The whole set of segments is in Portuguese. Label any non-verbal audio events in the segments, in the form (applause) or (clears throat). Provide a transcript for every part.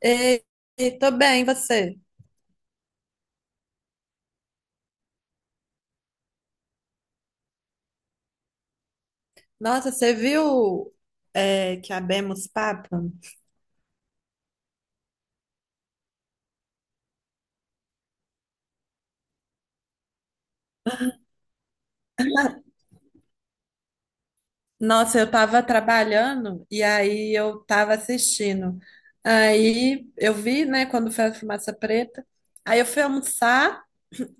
Ei, tô bem, e você? Nossa, você viu que abemos papo? Nossa, eu tava trabalhando e aí eu tava assistindo. Aí eu vi, né, quando foi a fumaça preta. Aí eu fui almoçar.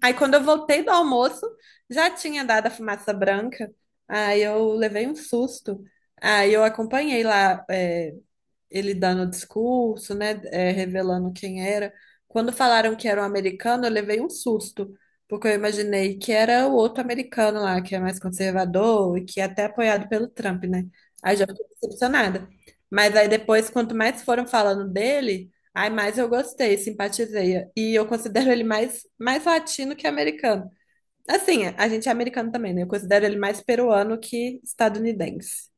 Aí quando eu voltei do almoço, já tinha dado a fumaça branca. Aí eu levei um susto. Aí eu acompanhei lá, ele dando o discurso, né, revelando quem era. Quando falaram que era um americano, eu levei um susto, porque eu imaginei que era o outro americano lá, que é mais conservador e que é até apoiado pelo Trump, né? Aí já fiquei decepcionada. Mas aí depois, quanto mais foram falando dele, aí mais eu gostei, simpatizei. E eu considero ele mais latino que americano. Assim, a gente é americano também, né? Eu considero ele mais peruano que estadunidense.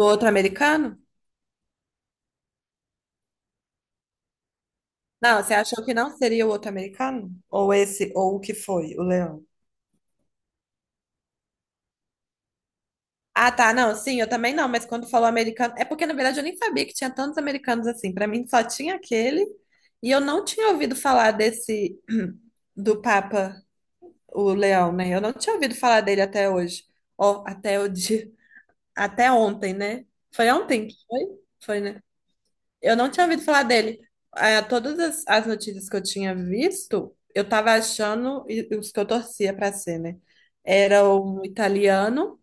O outro americano? Não, você achou que não seria o outro americano? Ou esse, ou o que foi, o Leão? Ah, tá, não, sim, eu também não, mas quando falou americano, é porque na verdade eu nem sabia que tinha tantos americanos assim. Pra mim só tinha aquele, e eu não tinha ouvido falar desse (clears throat) do Papa, o Leão, né? Eu não tinha ouvido falar dele até hoje. Ó, até ontem, né? Foi ontem que foi? Foi, né? Eu não tinha ouvido falar dele. É, todas as notícias que eu tinha visto, eu tava achando, e os que eu torcia para ser, né? Era um italiano,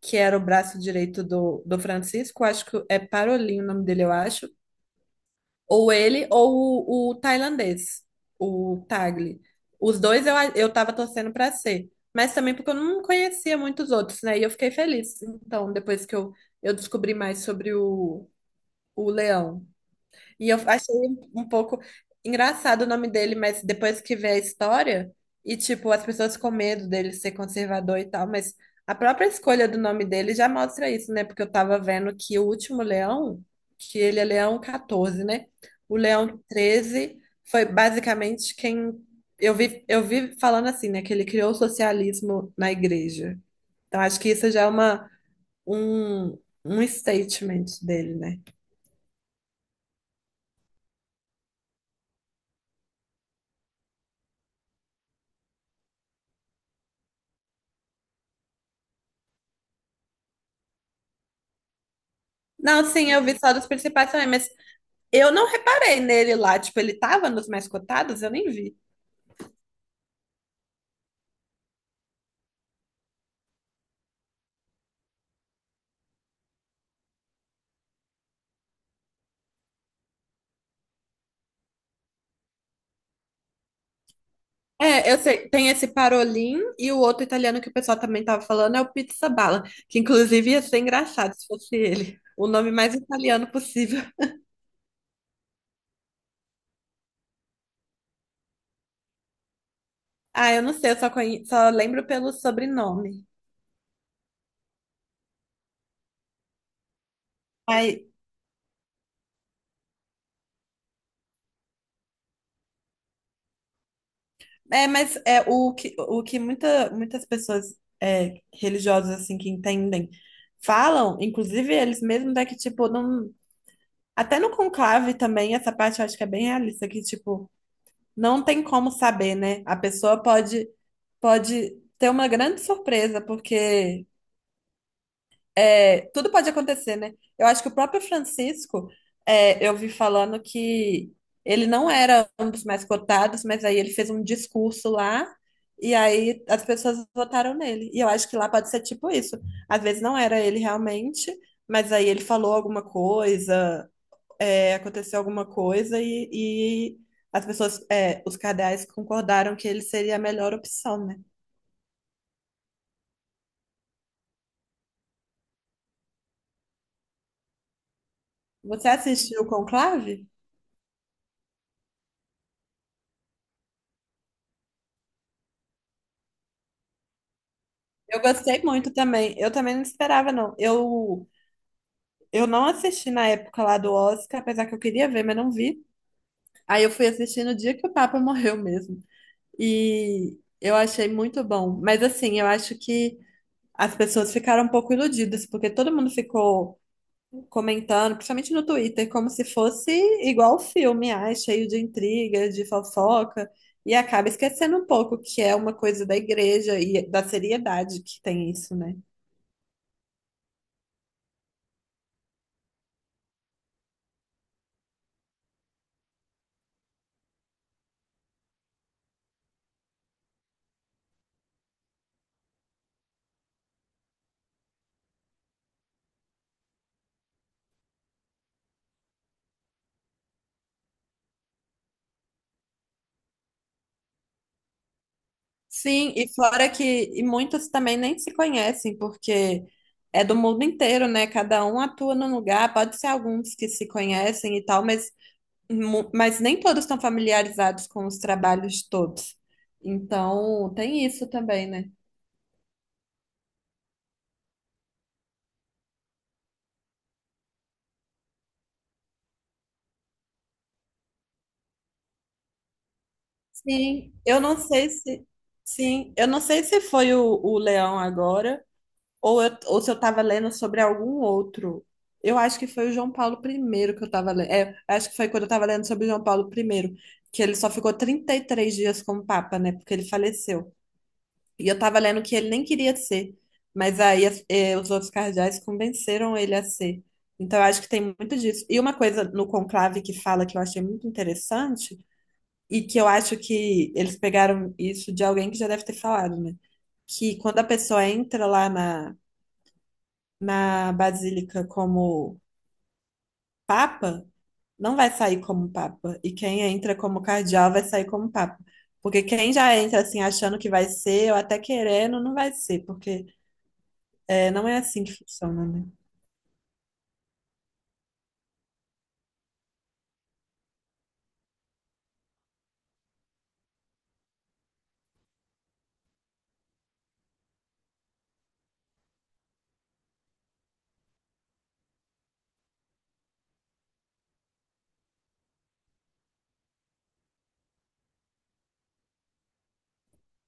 que era o braço direito do Francisco, acho que é Parolin o nome dele, eu acho. Ou ele, ou o tailandês, o Tagli. Os dois eu tava torcendo para ser. Mas também porque eu não conhecia muitos outros, né? E eu fiquei feliz. Então, depois que eu descobri mais sobre o Leão. E eu achei um pouco engraçado o nome dele, mas depois que vê a história, e tipo, as pessoas com medo dele ser conservador e tal, mas a própria escolha do nome dele já mostra isso, né? Porque eu tava vendo que o último Leão, que ele é Leão XIV, né? O Leão 13 foi basicamente quem eu vi falando assim, né? Que ele criou o socialismo na igreja. Então acho que isso já é um, um statement dele, né? Não, sim, eu vi só dos principais também, mas eu não reparei nele lá, tipo, ele tava nos mais cotados, eu nem vi. É, eu sei, tem esse Parolin e o outro italiano que o pessoal também tava falando é o Pizza Bala, que inclusive ia ser engraçado se fosse ele. O nome mais italiano possível. (laughs) Ah, eu não sei, só lembro pelo sobrenome. Aí, mas é o que muitas pessoas religiosas, assim, que entendem, falam, inclusive eles mesmos, é que, tipo, não... Até no conclave também, essa parte eu acho que é bem realista, que, tipo, não tem como saber, né? A pessoa pode ter uma grande surpresa, porque tudo pode acontecer, né? Eu acho que o próprio Francisco, eu vi falando que ele não era um dos mais cotados, mas aí ele fez um discurso lá e aí as pessoas votaram nele. E eu acho que lá pode ser tipo isso. Às vezes não era ele realmente, mas aí ele falou alguma coisa, aconteceu alguma coisa e as pessoas, os cardeais concordaram que ele seria a melhor opção, né? Você assistiu o Conclave? Eu gostei muito também. Eu também não esperava, não. Eu não assisti na época lá do Oscar, apesar que eu queria ver, mas não vi. Aí eu fui assistir no dia que o Papa morreu mesmo. E eu achei muito bom. Mas assim, eu acho que as pessoas ficaram um pouco iludidas, porque todo mundo ficou comentando, principalmente no Twitter, como se fosse igual o filme, ai, cheio de intriga, de fofoca, e acaba esquecendo um pouco que é uma coisa da igreja e da seriedade que tem isso, né? Sim, e fora que e muitos também nem se conhecem, porque é do mundo inteiro, né? Cada um atua num lugar, pode ser alguns que se conhecem e tal, mas, mas nem todos estão familiarizados com os trabalhos de todos. Então, tem isso também, né? Sim, eu não sei se. Sim, eu não sei se foi o Leão agora, ou, ou se eu estava lendo sobre algum outro. Eu acho que foi o João Paulo primeiro que eu estava lendo. É, acho que foi quando eu estava lendo sobre o João Paulo primeiro que ele só ficou 33 dias como Papa, né? Porque ele faleceu. E eu estava lendo que ele nem queria ser, mas aí os outros cardeais convenceram ele a ser. Então, eu acho que tem muito disso. E uma coisa no conclave que fala que eu achei muito interessante e que eu acho que eles pegaram isso de alguém que já deve ter falado, né? Que quando a pessoa entra lá na Basílica como Papa, não vai sair como Papa. E quem entra como cardeal vai sair como Papa. Porque quem já entra assim achando que vai ser, ou até querendo, não vai ser, porque não é assim que funciona, né?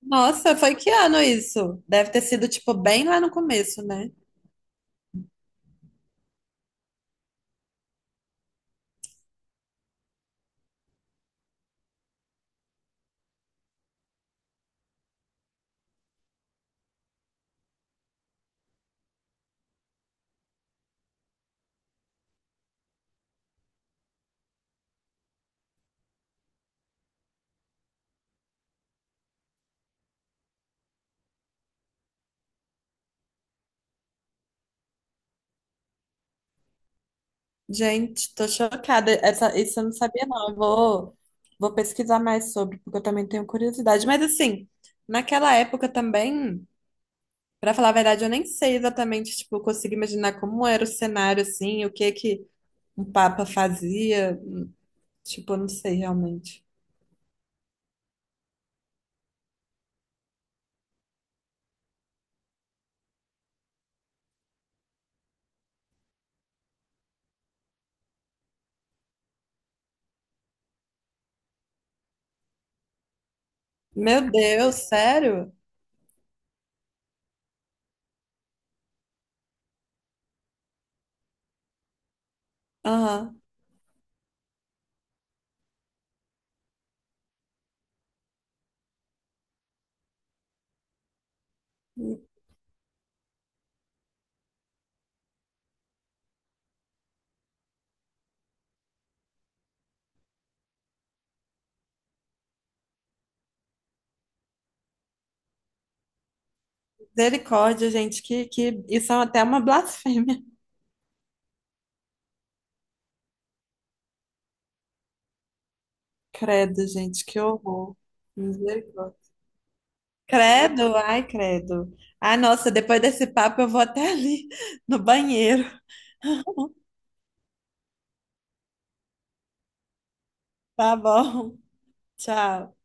Nossa, foi que ano isso? Deve ter sido, tipo, bem lá no começo, né? Gente, tô chocada. Isso eu não sabia, não. Eu vou pesquisar mais sobre, porque eu também tenho curiosidade. Mas assim, naquela época também, pra falar a verdade, eu nem sei exatamente, tipo, eu consigo imaginar como era o cenário, assim, o que que um papa fazia. Tipo, eu não sei realmente. Meu Deus, sério? Aham. Misericórdia, gente, que isso é até uma blasfêmia. (laughs) Credo, gente, que horror. Misericórdia. Credo, ai, credo. Ah, nossa, depois desse papo eu vou até (laughs) ali no banheiro. (laughs) Tá bom, tchau.